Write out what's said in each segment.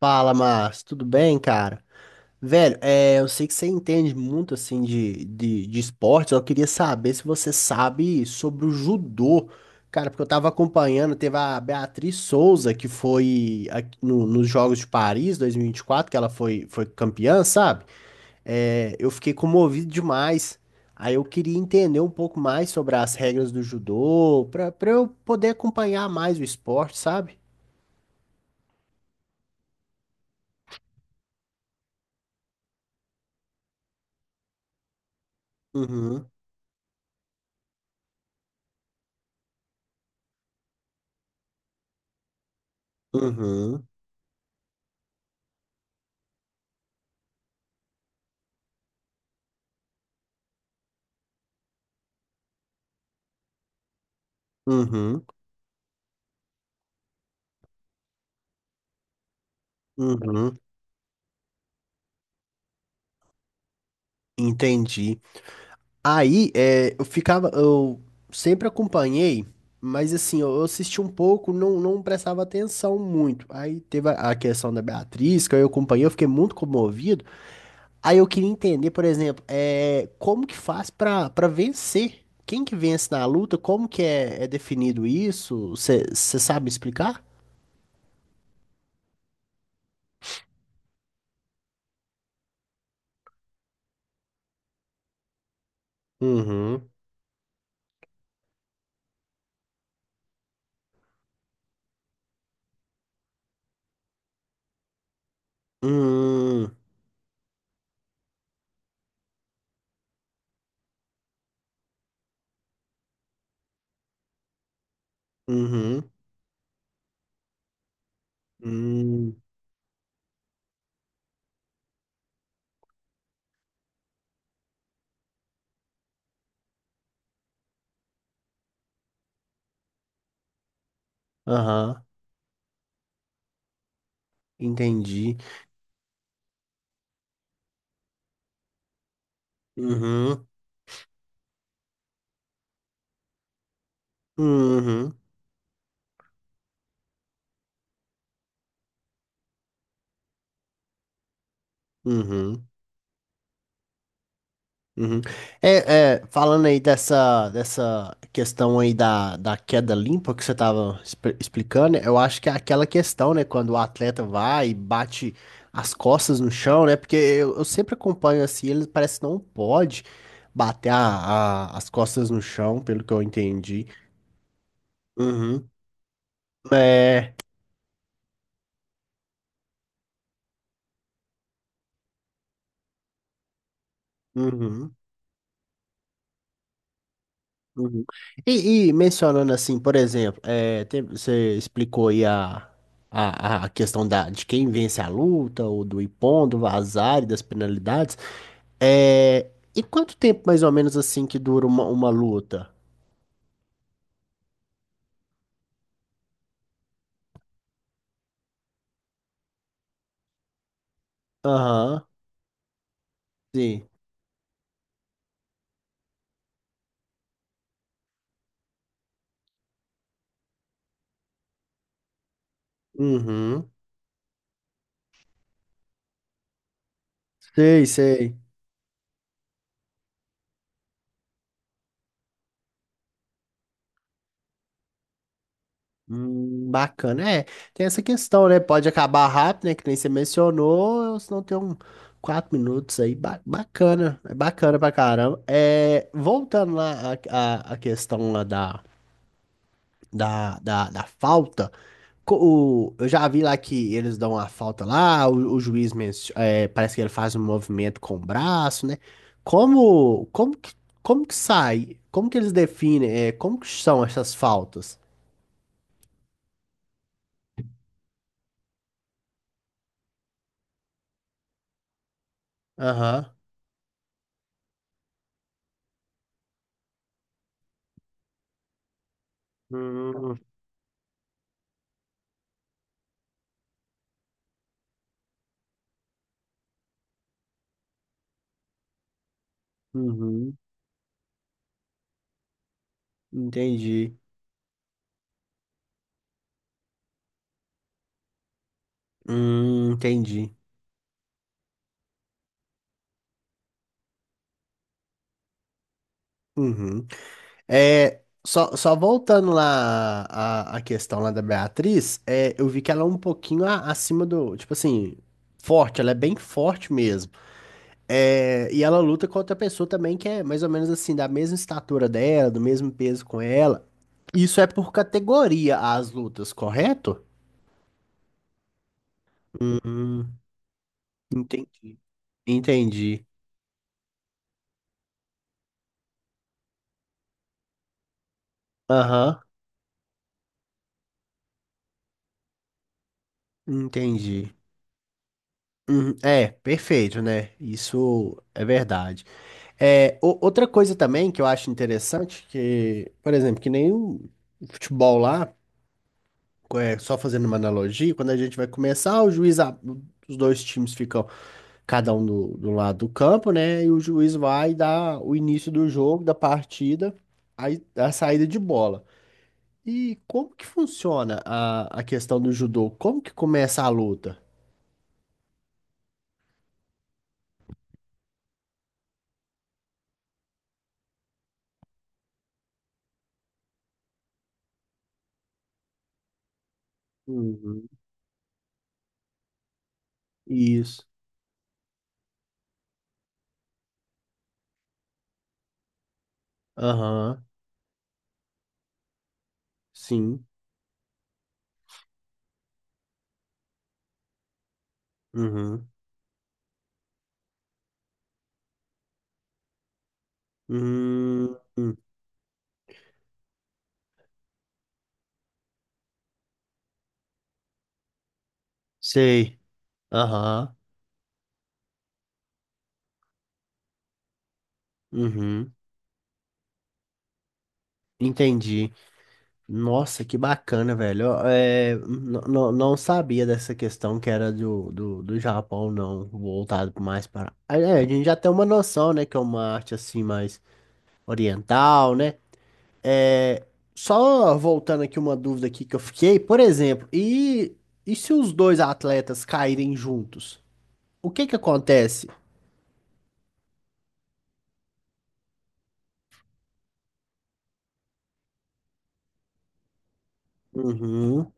Fala, Márcio, tudo bem, cara? Velho, é, eu sei que você entende muito assim de esportes, eu queria saber se você sabe sobre o judô. Cara, porque eu tava acompanhando, teve a Beatriz Souza, que foi aqui nos Jogos de Paris 2024, que ela foi campeã, sabe? É, eu fiquei comovido demais. Aí eu queria entender um pouco mais sobre as regras do judô, pra eu poder acompanhar mais o esporte, sabe? Uhum, uhum, uhum. Uhum, entendi. Aí, é, eu ficava, eu sempre acompanhei, mas assim, eu assisti um pouco, não, não prestava atenção muito. Aí teve a questão da Beatriz, que eu acompanhei, eu fiquei muito comovido. Aí eu queria entender, por exemplo, é, como que faz pra para vencer? Quem que vence na luta? Como que é definido isso? Você sabe explicar? Uhum. Hum, uhum. Hum, aham, entendi. Uhum. Uhum, uhum, uhum. É, falando aí dessa questão aí da queda limpa que você estava explicando, eu acho que é aquela questão, né, quando o atleta vai e bate as costas no chão, né, porque eu sempre acompanho assim, ele parece que não pode bater as costas no chão, pelo que eu entendi. Uhum. É, uhum. Uhum. E mencionando assim, por exemplo, é, você explicou aí a questão de quem vence a luta, ou do Ippon, do Vazar e das penalidades. É, e quanto tempo mais ou menos assim que dura uma luta? Aham, sim. Uhum. Sei, sei. Bacana, é. Tem essa questão, né? Pode acabar rápido, né? Que nem você mencionou, ou se não tem quatro minutos aí. Bacana, é bacana pra caramba. É, voltando lá à questão lá da falta, co- eu já vi lá que eles dão a falta lá, o juiz é, parece que ele faz um movimento com o braço, né? Como, como que, como que sai? Como que eles definem? É, como que são essas faltas? Aham. Uhum, entendi. Entendi. Uhum. É, só voltando lá à questão lá da Beatriz, é, eu vi que ela é um pouquinho acima do, tipo assim, forte, ela é bem forte mesmo. É, e ela luta com outra pessoa também que é mais ou menos assim, da mesma estatura dela, do mesmo peso com ela. Isso é por categoria as lutas, correto? Hum, entendi. Entendi. Aham, entendi. Uhum, É, perfeito, né? Isso é verdade. É, outra coisa também que eu acho interessante, que, por exemplo, que nem o futebol lá, é, só fazendo uma analogia, quando a gente vai começar, o juiz, os dois times ficam cada um do lado do campo, né? E o juiz vai dar o início do jogo, da partida, aí a saída de bola. E como que funciona a questão do judô? Como que começa a luta? Uhum. Isso. Aham, sim. Uhum. Hum, hum. Sei. Aham. Uhum. Entendi. Nossa, que bacana, velho. Ó, É, não sabia dessa questão que era do Japão, não, voltado mais para. Ah, É, a gente já tem uma noção, né, que é uma arte assim mais oriental, né? É, só voltando aqui uma dúvida aqui que eu fiquei, por exemplo, e se os dois atletas caírem juntos? O que que acontece? Uhum,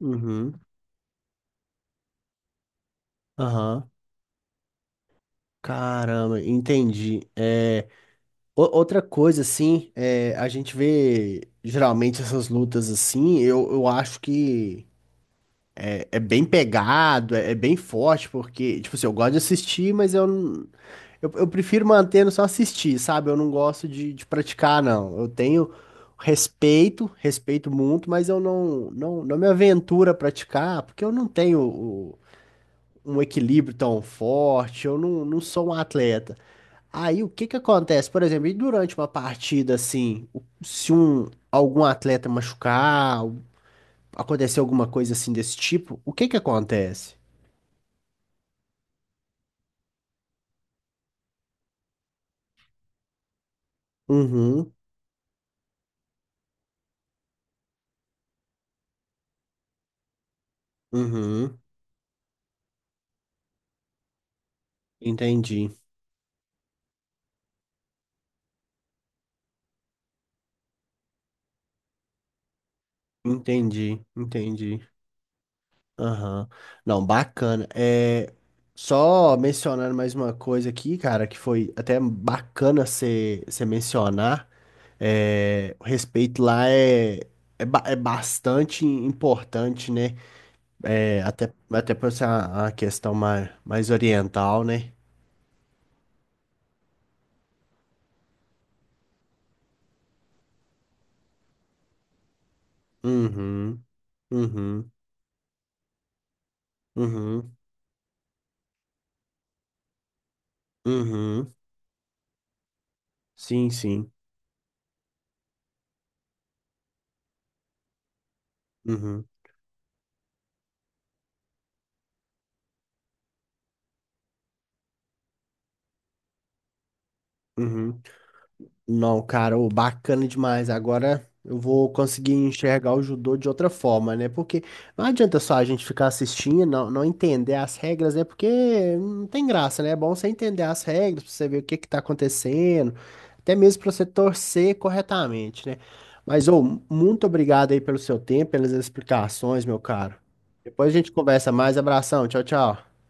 uhum, aham. Caramba, entendi. É, outra coisa, assim, é, a gente vê geralmente essas lutas assim, eu acho que é bem pegado, é bem forte, porque, tipo assim, eu gosto de assistir, mas eu, não- eu prefiro mantendo só assistir, sabe? Eu não gosto de praticar, não. Eu tenho respeito, respeito muito, mas eu não me aventuro a praticar, porque eu não tenho um equilíbrio tão forte, eu não sou um atleta. Aí o que que acontece? Por exemplo, e durante uma partida assim, se algum atleta machucar, ou acontecer alguma coisa assim desse tipo, o que que acontece? Uhum, uhum, entendi, entendi, entendi. Aham. Não, bacana. É, só mencionando mais uma coisa aqui, cara, que foi até bacana você mencionar. É, o respeito lá é bastante importante, né? É, até por ser a questão mais oriental, né? Uhum, uhum, uhum, uhum. Sim, sim. Uhum, uhum. Não, cara, ô, bacana demais. Agora eu vou conseguir enxergar o judô de outra forma, né? Porque não adianta só a gente ficar assistindo, não entender as regras, né? Porque não tem graça, né? É bom você entender as regras, pra você ver o que que tá acontecendo, até mesmo pra você torcer corretamente, né? Mas, ô, muito obrigado aí pelo seu tempo, pelas explicações, meu caro. Depois a gente conversa mais. Abração, tchau, tchau.